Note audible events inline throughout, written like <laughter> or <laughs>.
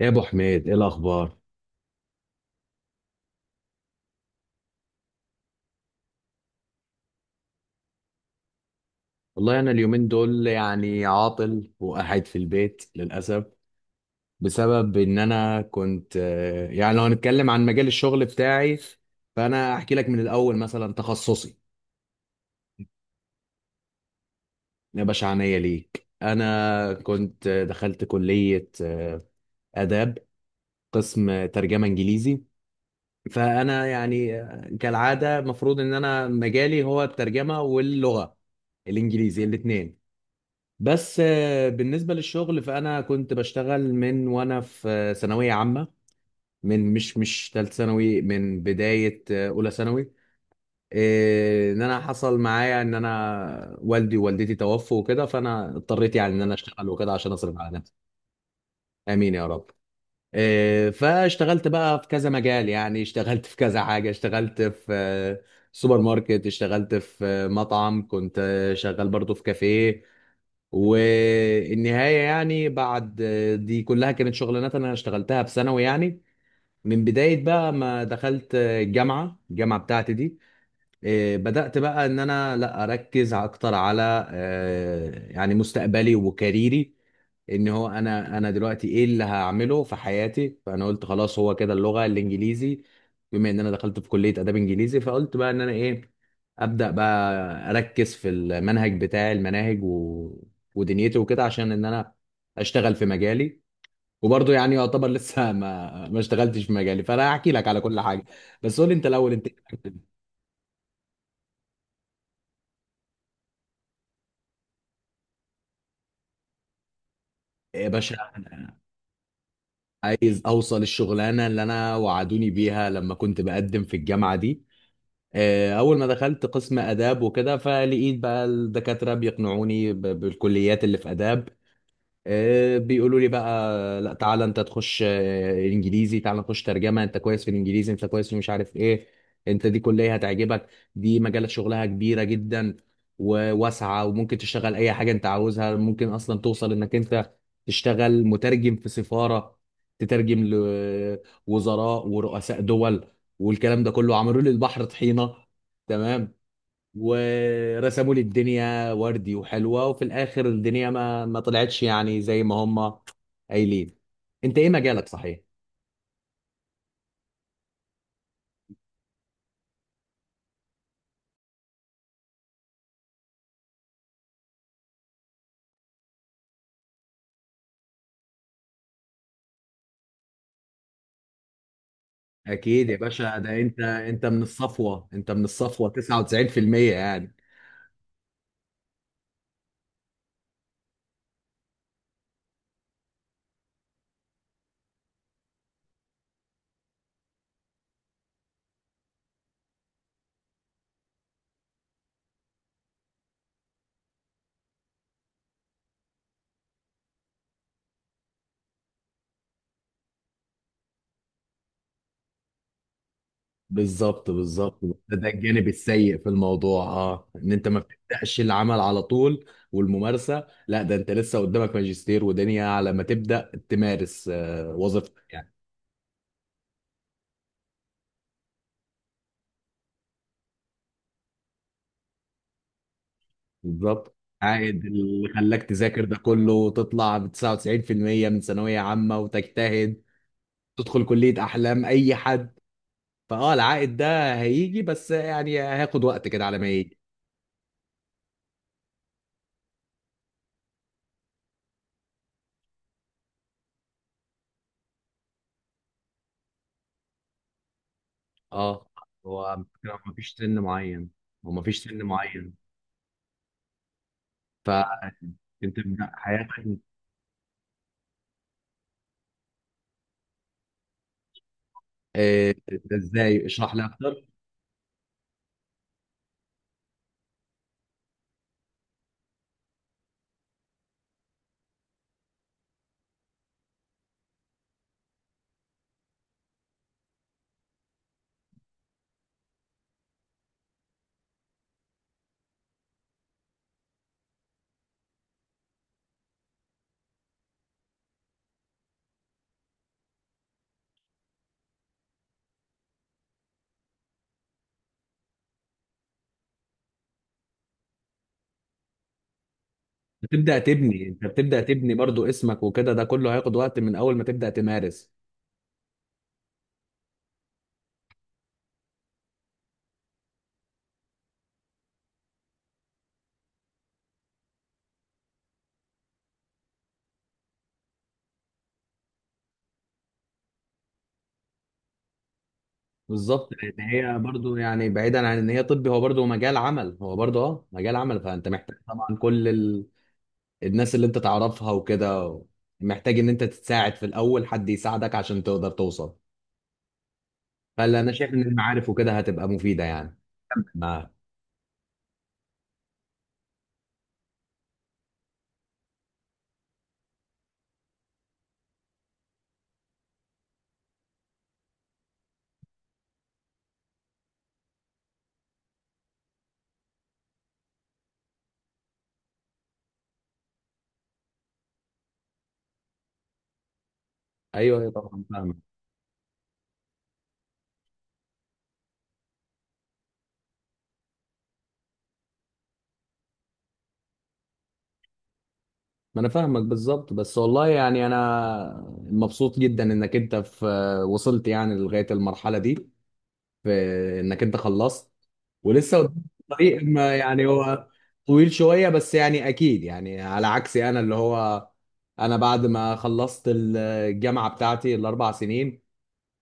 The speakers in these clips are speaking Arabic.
يا ابو حميد ايه الاخبار. والله انا اليومين دول يعني عاطل وقاعد في البيت للاسف بسبب ان انا كنت يعني لو هنتكلم عن مجال الشغل بتاعي فانا احكي لك من الاول مثلا تخصصي. يا باشا عينيا ليك، انا كنت دخلت كلية آداب، قسم ترجمة انجليزي. فانا يعني كالعادة المفروض ان انا مجالي هو الترجمة واللغة الانجليزي الاثنين. بس بالنسبة للشغل فأنا كنت بشتغل من وأنا في ثانوية عامة، من مش مش تالت ثانوي، من بداية أولى ثانوي. إن أنا حصل معايا إن أنا والدي ووالدتي توفوا وكده، فأنا اضطريت يعني إن أنا أشتغل وكده عشان أصرف على نفسي. آمين يا رب. فاشتغلت بقى في كذا مجال، يعني اشتغلت في كذا حاجة، اشتغلت في سوبر ماركت، اشتغلت في مطعم، كنت شغال برضو في كافيه. والنهاية يعني بعد، دي كلها كانت شغلانات أنا اشتغلتها في ثانوي يعني. من بداية بقى ما دخلت الجامعة، بتاعتي دي إيه، بدأت بقى ان انا لا اركز اكتر على يعني مستقبلي وكاريري. ان هو انا دلوقتي ايه اللي هعمله في حياتي، فانا قلت خلاص هو كده اللغة الانجليزي. بما ان انا دخلت في كلية اداب انجليزي، فقلت بقى ان انا ايه، ابدأ بقى اركز في المنهج بتاعي، المناهج و... ودنيتي وكده عشان ان انا اشتغل في مجالي. وبرضه يعني يعتبر <laughs> لسه ما اشتغلتش في مجالي، فانا هحكي لك على كل حاجة. بس قول لي انت الاول، انت إيه؟ يا باشا، عايز اوصل الشغلانه اللي انا وعدوني بيها لما كنت بقدم في الجامعه دي. اول ما دخلت قسم اداب وكده، فلقيت بقى الدكاتره بيقنعوني بالكليات اللي في اداب. بيقولوا لي بقى لا، تعالى انت تخش انجليزي، تعالى نخش ترجمه، انت كويس في الانجليزي، انت كويس في مش عارف ايه، انت دي كليه هتعجبك، دي مجالات شغلها كبيره جدا وواسعه، وممكن تشتغل اي حاجه انت عاوزها، ممكن اصلا توصل انك انت تشتغل مترجم في سفاره، تترجم لوزراء ورؤساء دول. والكلام ده كله عملوا لي البحر طحينه، تمام، ورسموا لي الدنيا وردي وحلوة، وفي الآخر الدنيا ما طلعتش يعني زي ما هم قايلين. انت ايه مجالك صحيح؟ اكيد يا باشا، ده انت، انت من الصفوة 99% يعني. بالظبط، ده الجانب السيء في الموضوع، اه، ان انت ما بتبداش العمل على طول والممارسة. لا، ده انت لسه قدامك ماجستير ودنيا على ما تبدا تمارس وظيفتك يعني. بالظبط، عائد اللي خلاك تذاكر ده كله وتطلع ب 99% من ثانوية عامة وتجتهد تدخل كلية أحلام أي حد. فأه العائد ده هيجي بس يعني هياخد وقت كده على ما يجي. أه، هو مفيش سن معين. هو مفيش سن معين فأنت تبدأ حياتك. آه، ده ازاي؟ اشرح لي اكتر. بتبدا تبني برضو اسمك وكده، ده كله هياخد وقت من اول ما تبدا تمارس. بالظبط، لان هي برضو يعني بعيدا عن ان هي طبي، هو برضو مجال عمل، هو برضو اه مجال عمل، فانت محتاج طبعا كل الناس اللي انت تعرفها وكده. محتاج ان انت تتساعد في الاول، حد يساعدك عشان تقدر توصل. فلا، انا شايف ان المعارف وكده هتبقى مفيده يعني. ما ايوه، أيوة طبعا فاهمك. ما انا فاهمك بالظبط. بس والله يعني انا مبسوط جدا انك انت في، وصلت يعني لغايه المرحله دي، في انك انت خلصت. ولسه قدام الطريق ما يعني، هو طويل شوية بس يعني، أكيد يعني على عكسي أنا. اللي هو أنا بعد ما خلصت الجامعة بتاعتي ال4 سنين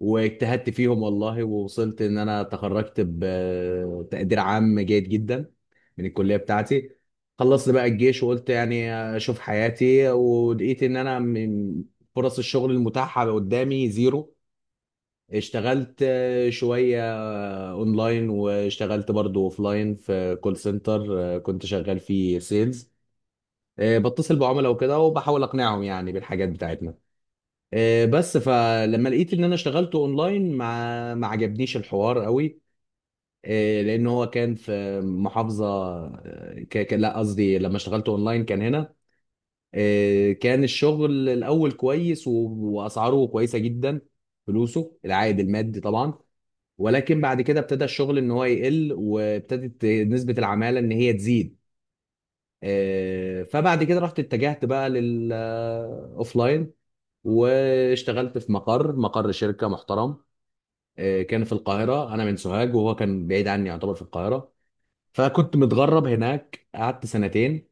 واجتهدت فيهم والله، ووصلت إن أنا تخرجت بتقدير عام جيد جدا من الكلية بتاعتي. خلصت بقى الجيش وقلت يعني أشوف حياتي، ولقيت إن أنا من فرص الشغل المتاحة قدامي زيرو. اشتغلت شوية اونلاين، واشتغلت برضو اوفلاين في كول سنتر كنت شغال فيه سيلز، بتصل بعملاء وكده وبحاول اقنعهم يعني بالحاجات بتاعتنا. بس فلما لقيت ان انا اشتغلت اونلاين ما عجبنيش الحوار قوي، لان هو كان في محافظه، لا قصدي لما اشتغلت اونلاين كان هنا. كان الشغل الاول كويس واسعاره كويسه جدا، فلوسه العائد المادي طبعا. ولكن بعد كده ابتدى الشغل ان هو يقل، وابتدت نسبة العمالة ان هي تزيد. فبعد كده رحت اتجهت بقى للاوفلاين، واشتغلت في مقر شركة محترم. كان في القاهرة، انا من سوهاج وهو كان بعيد عني يعتبر في القاهرة، فكنت متغرب هناك، قعدت سنتين.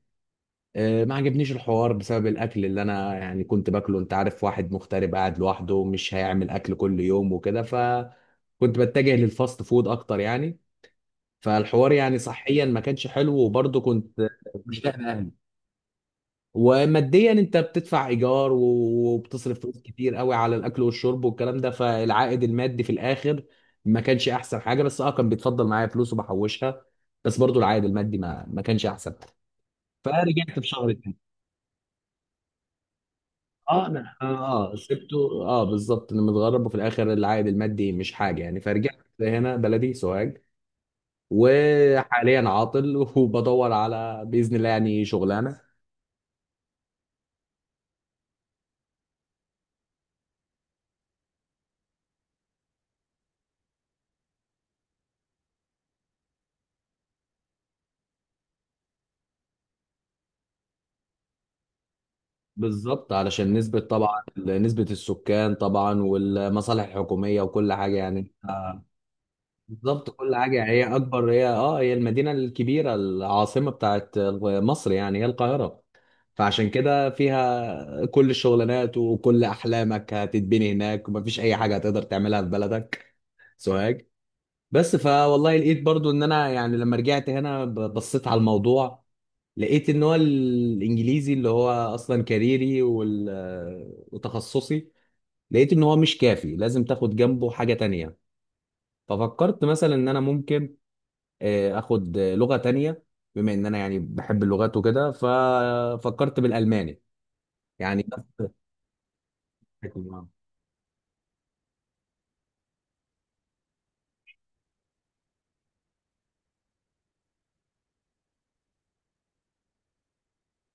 ما عجبنيش الحوار بسبب الاكل اللي انا يعني كنت باكله، انت عارف واحد مغترب قاعد لوحده مش هيعمل اكل كل يوم وكده، فكنت بتجه للفاست فود اكتر يعني. فالحوار يعني صحيا ما كانش حلو، وبرضه كنت مشتاق لاهلي. وماديا انت بتدفع ايجار وبتصرف فلوس كتير قوي على الاكل والشرب والكلام ده، فالعائد المادي في الاخر ما كانش احسن حاجه، بس اه كان بيتفضل معايا فلوس وبحوشها. بس برضه العائد المادي ما كانش احسن، فرجعت في شهر تاني. اه انا اه، سبته اه بالظبط، انا متغرب وفي الاخر العائد المادي مش حاجه، يعني فرجعت هنا بلدي سوهاج وحاليا عاطل <laughs> وبدور على باذن الله يعني شغلانه. بالظبط، علشان نسبة طبعا، نسبة السكان طبعا والمصالح الحكومية وكل حاجة يعني. بالظبط، كل حاجة هي أكبر، هي اه هي المدينة الكبيرة، العاصمة بتاعت مصر يعني هي القاهرة، فعشان كده فيها كل الشغلانات وكل أحلامك هتتبني هناك، ومفيش أي حاجة هتقدر تعملها في بلدك سوهاج. بس فوالله لقيت برضو إن أنا يعني لما رجعت هنا بصيت على الموضوع، لقيت ان هو الانجليزي اللي هو اصلا كاريري وتخصصي، لقيت ان هو مش كافي، لازم تاخد جنبه حاجة تانية. ففكرت مثلا ان انا ممكن اخد لغة تانية، بما ان انا يعني بحب اللغات وكده، ففكرت بالالماني يعني <laughs> ده حكم.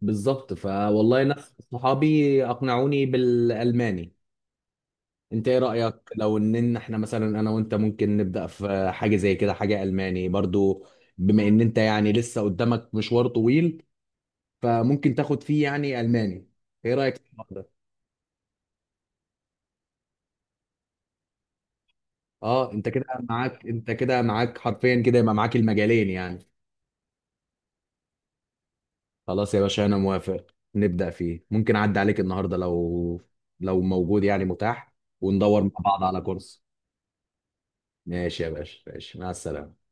بالظبط، فوالله ناس صحابي اقنعوني بالالماني. انت ايه رأيك لو ان إن احنا مثلا انا وانت ممكن نبدأ في حاجة زي كده، حاجة ألماني برضو، بما ان انت يعني لسه قدامك مشوار طويل، فممكن تاخد فيه يعني ألماني. ايه رأيك في الحوار ده؟ اه انت كده معاك، حرفيا كده يبقى معاك المجالين يعني. خلاص يا باشا انا موافق، نبدأ فيه. ممكن اعدي عليك النهاردة لو، لو موجود يعني متاح، وندور مع بعض على كورس. ماشي يا باشا، ماشي، مع السلامة.